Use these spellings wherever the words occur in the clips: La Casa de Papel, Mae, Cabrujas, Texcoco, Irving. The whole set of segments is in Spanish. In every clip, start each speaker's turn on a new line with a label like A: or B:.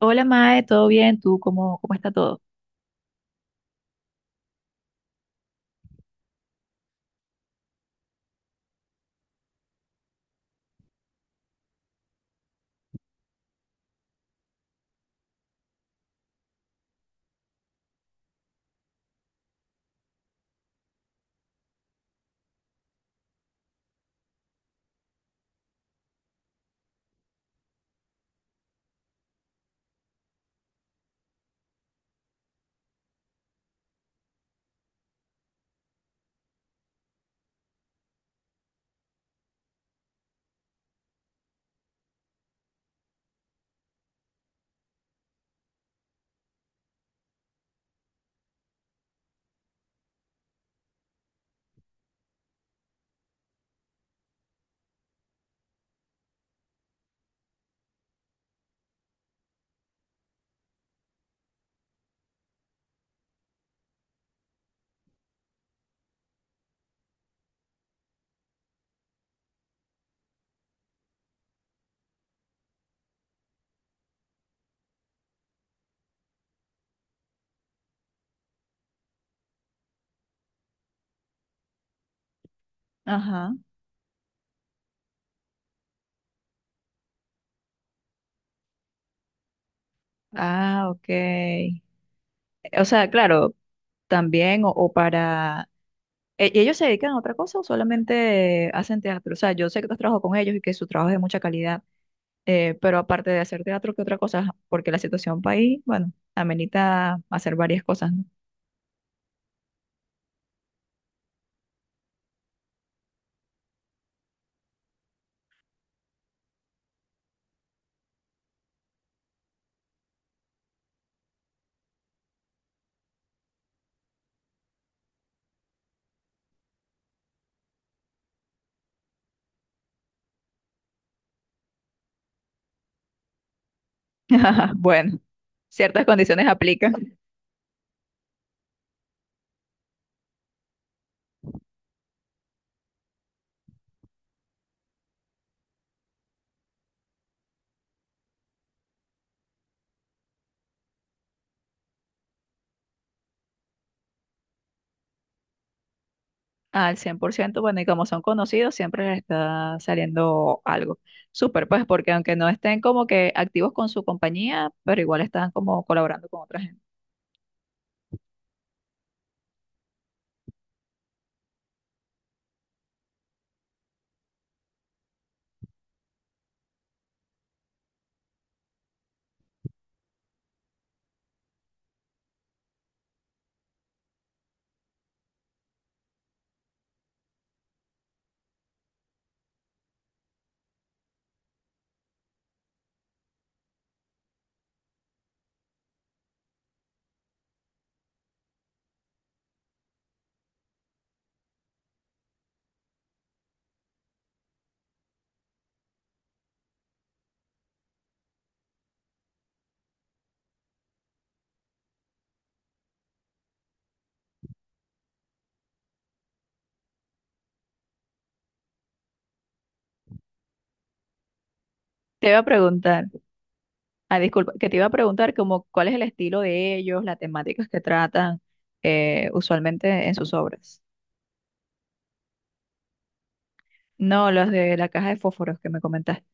A: Hola Mae, ¿todo bien? ¿Tú cómo está todo? Ajá. Ah, ok. O sea, claro, también o para... ¿¿Ellos se dedican a otra cosa o solamente hacen teatro? O sea, yo sé que tú has trabajado con ellos y que su trabajo es de mucha calidad, pero aparte de hacer teatro, ¿qué otra cosa? Porque la situación país, bueno, amenita hacer varias cosas, ¿no? Bueno, ciertas condiciones aplican. Al cien por ciento, bueno, y como son conocidos, siempre les está saliendo algo. Súper, pues, porque aunque no estén como que activos con su compañía, pero igual están como colaborando con otra gente. Te iba a preguntar, ah, disculpa, que te iba a preguntar como cuál es el estilo de ellos, las temáticas que tratan usualmente en sus obras. No, los de la caja de fósforos que me comentaste.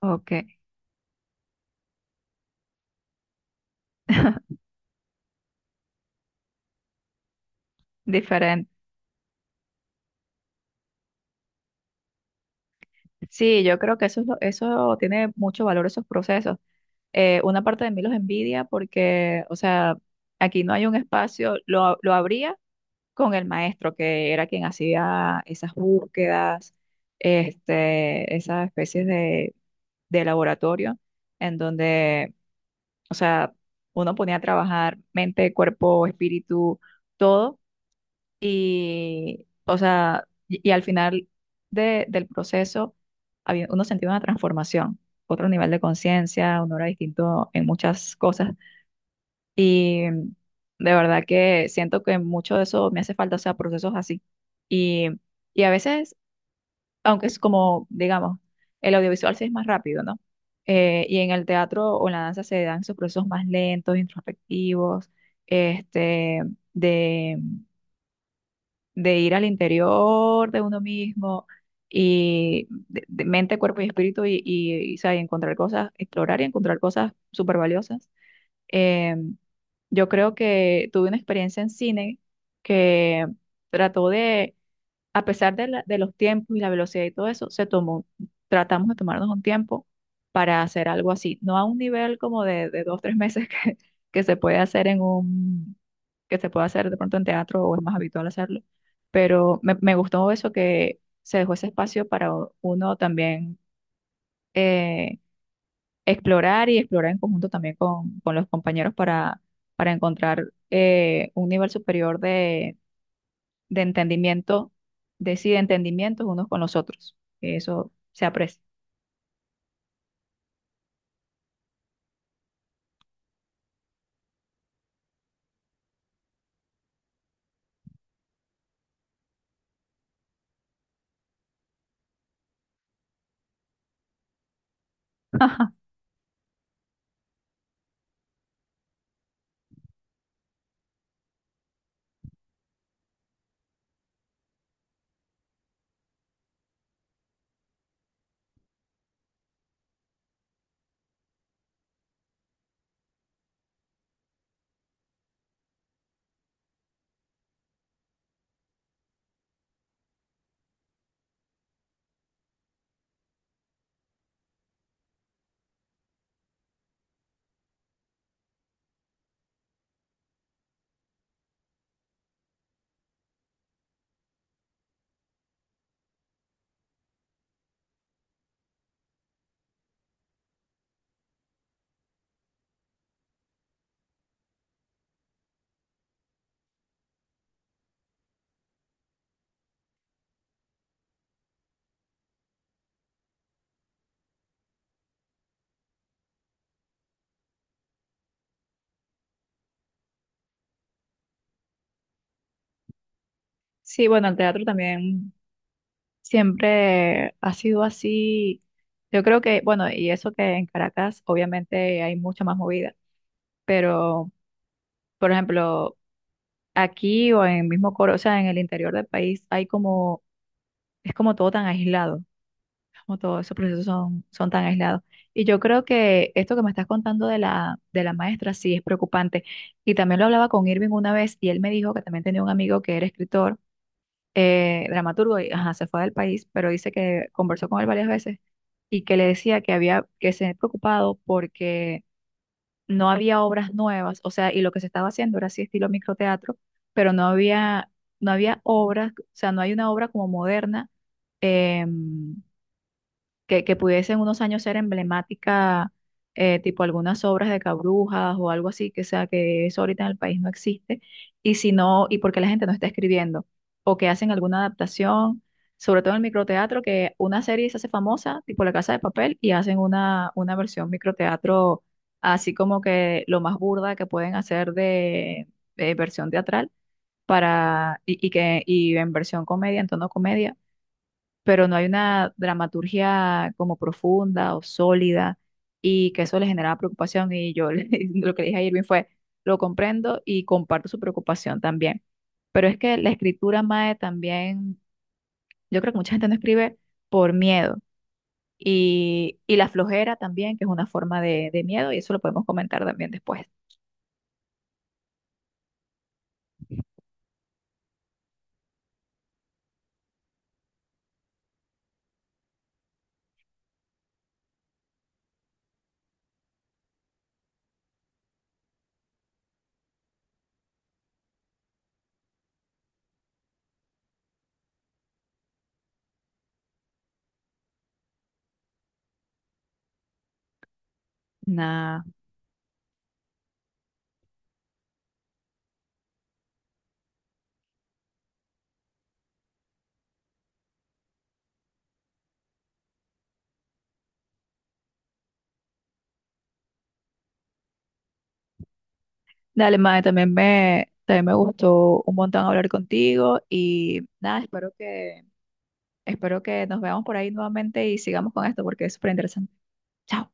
A: Ok, diferente. Sí, yo creo que eso, eso tiene mucho valor, esos procesos, una parte de mí los envidia porque, o sea, aquí no hay un espacio, lo abría con el maestro, que era quien hacía esas búsquedas, este, esas especies de laboratorio, en donde, o sea, uno ponía a trabajar mente, cuerpo, espíritu, todo, y, o sea, y al final del proceso, había, uno sentía una transformación, otro nivel de conciencia, uno era distinto en muchas cosas y de verdad que siento que mucho de eso me hace falta, o sea, procesos así. Y, y a veces, aunque es como, digamos, el audiovisual sí es más rápido, ¿no? Y en el teatro o en la danza se dan esos procesos más lentos, introspectivos, este, de, de ir al interior de uno mismo y de mente, cuerpo y espíritu y, o sea, y encontrar cosas, explorar y encontrar cosas súper valiosas. Yo creo que tuve una experiencia en cine que trató de, a pesar de, de los tiempos y la velocidad y todo eso, se tomó, tratamos de tomarnos un tiempo para hacer algo así, no a un nivel como de dos, tres meses que se puede hacer en un, que se puede hacer de pronto en teatro o es más habitual hacerlo, pero me gustó eso que se dejó ese espacio para uno también, eh, explorar y explorar en conjunto también con los compañeros para encontrar un nivel superior de entendimiento, de sí, de entendimientos unos con los otros. Eso se aprecia. Sí, bueno, el teatro también siempre ha sido así. Yo creo que, bueno, y eso que en Caracas obviamente hay mucha más movida, pero por ejemplo, aquí o en el mismo Coro, o sea, en el interior del país hay como, es como todo tan aislado. Como todos esos procesos son, son tan aislados. Y yo creo que esto que me estás contando de de la maestra sí es preocupante. Y también lo hablaba con Irving una vez y él me dijo que también tenía un amigo que era escritor, dramaturgo, y ajá, se fue del país, pero dice que conversó con él varias veces y que le decía que había, que se había preocupado porque no había obras nuevas, o sea, y lo que se estaba haciendo era así estilo microteatro, pero no había, no había obras, o sea, no hay una obra como moderna. em, que pudiese en unos años ser emblemática, tipo algunas obras de Cabrujas o algo así, que sea que eso ahorita en el país no existe, y si no, y porque la gente no está escribiendo, o que hacen alguna adaptación, sobre todo en el microteatro, que una serie se hace famosa, tipo La Casa de Papel, y hacen una versión microteatro, así como que lo más burda que pueden hacer de versión teatral. Para, y que y en versión comedia, en tono comedia, pero no hay una dramaturgia como profunda o sólida y que eso le generaba preocupación y yo lo que le dije a Irving fue, lo comprendo y comparto su preocupación también. Pero es que la escritura, Mae, también, yo creo que mucha gente no escribe por miedo y la flojera también, que es una forma de miedo y eso lo podemos comentar también después. Nada. Dale, Mae, también también me gustó un montón hablar contigo y nada, espero que espero que nos veamos por ahí nuevamente y sigamos con esto porque es súper interesante. Chao.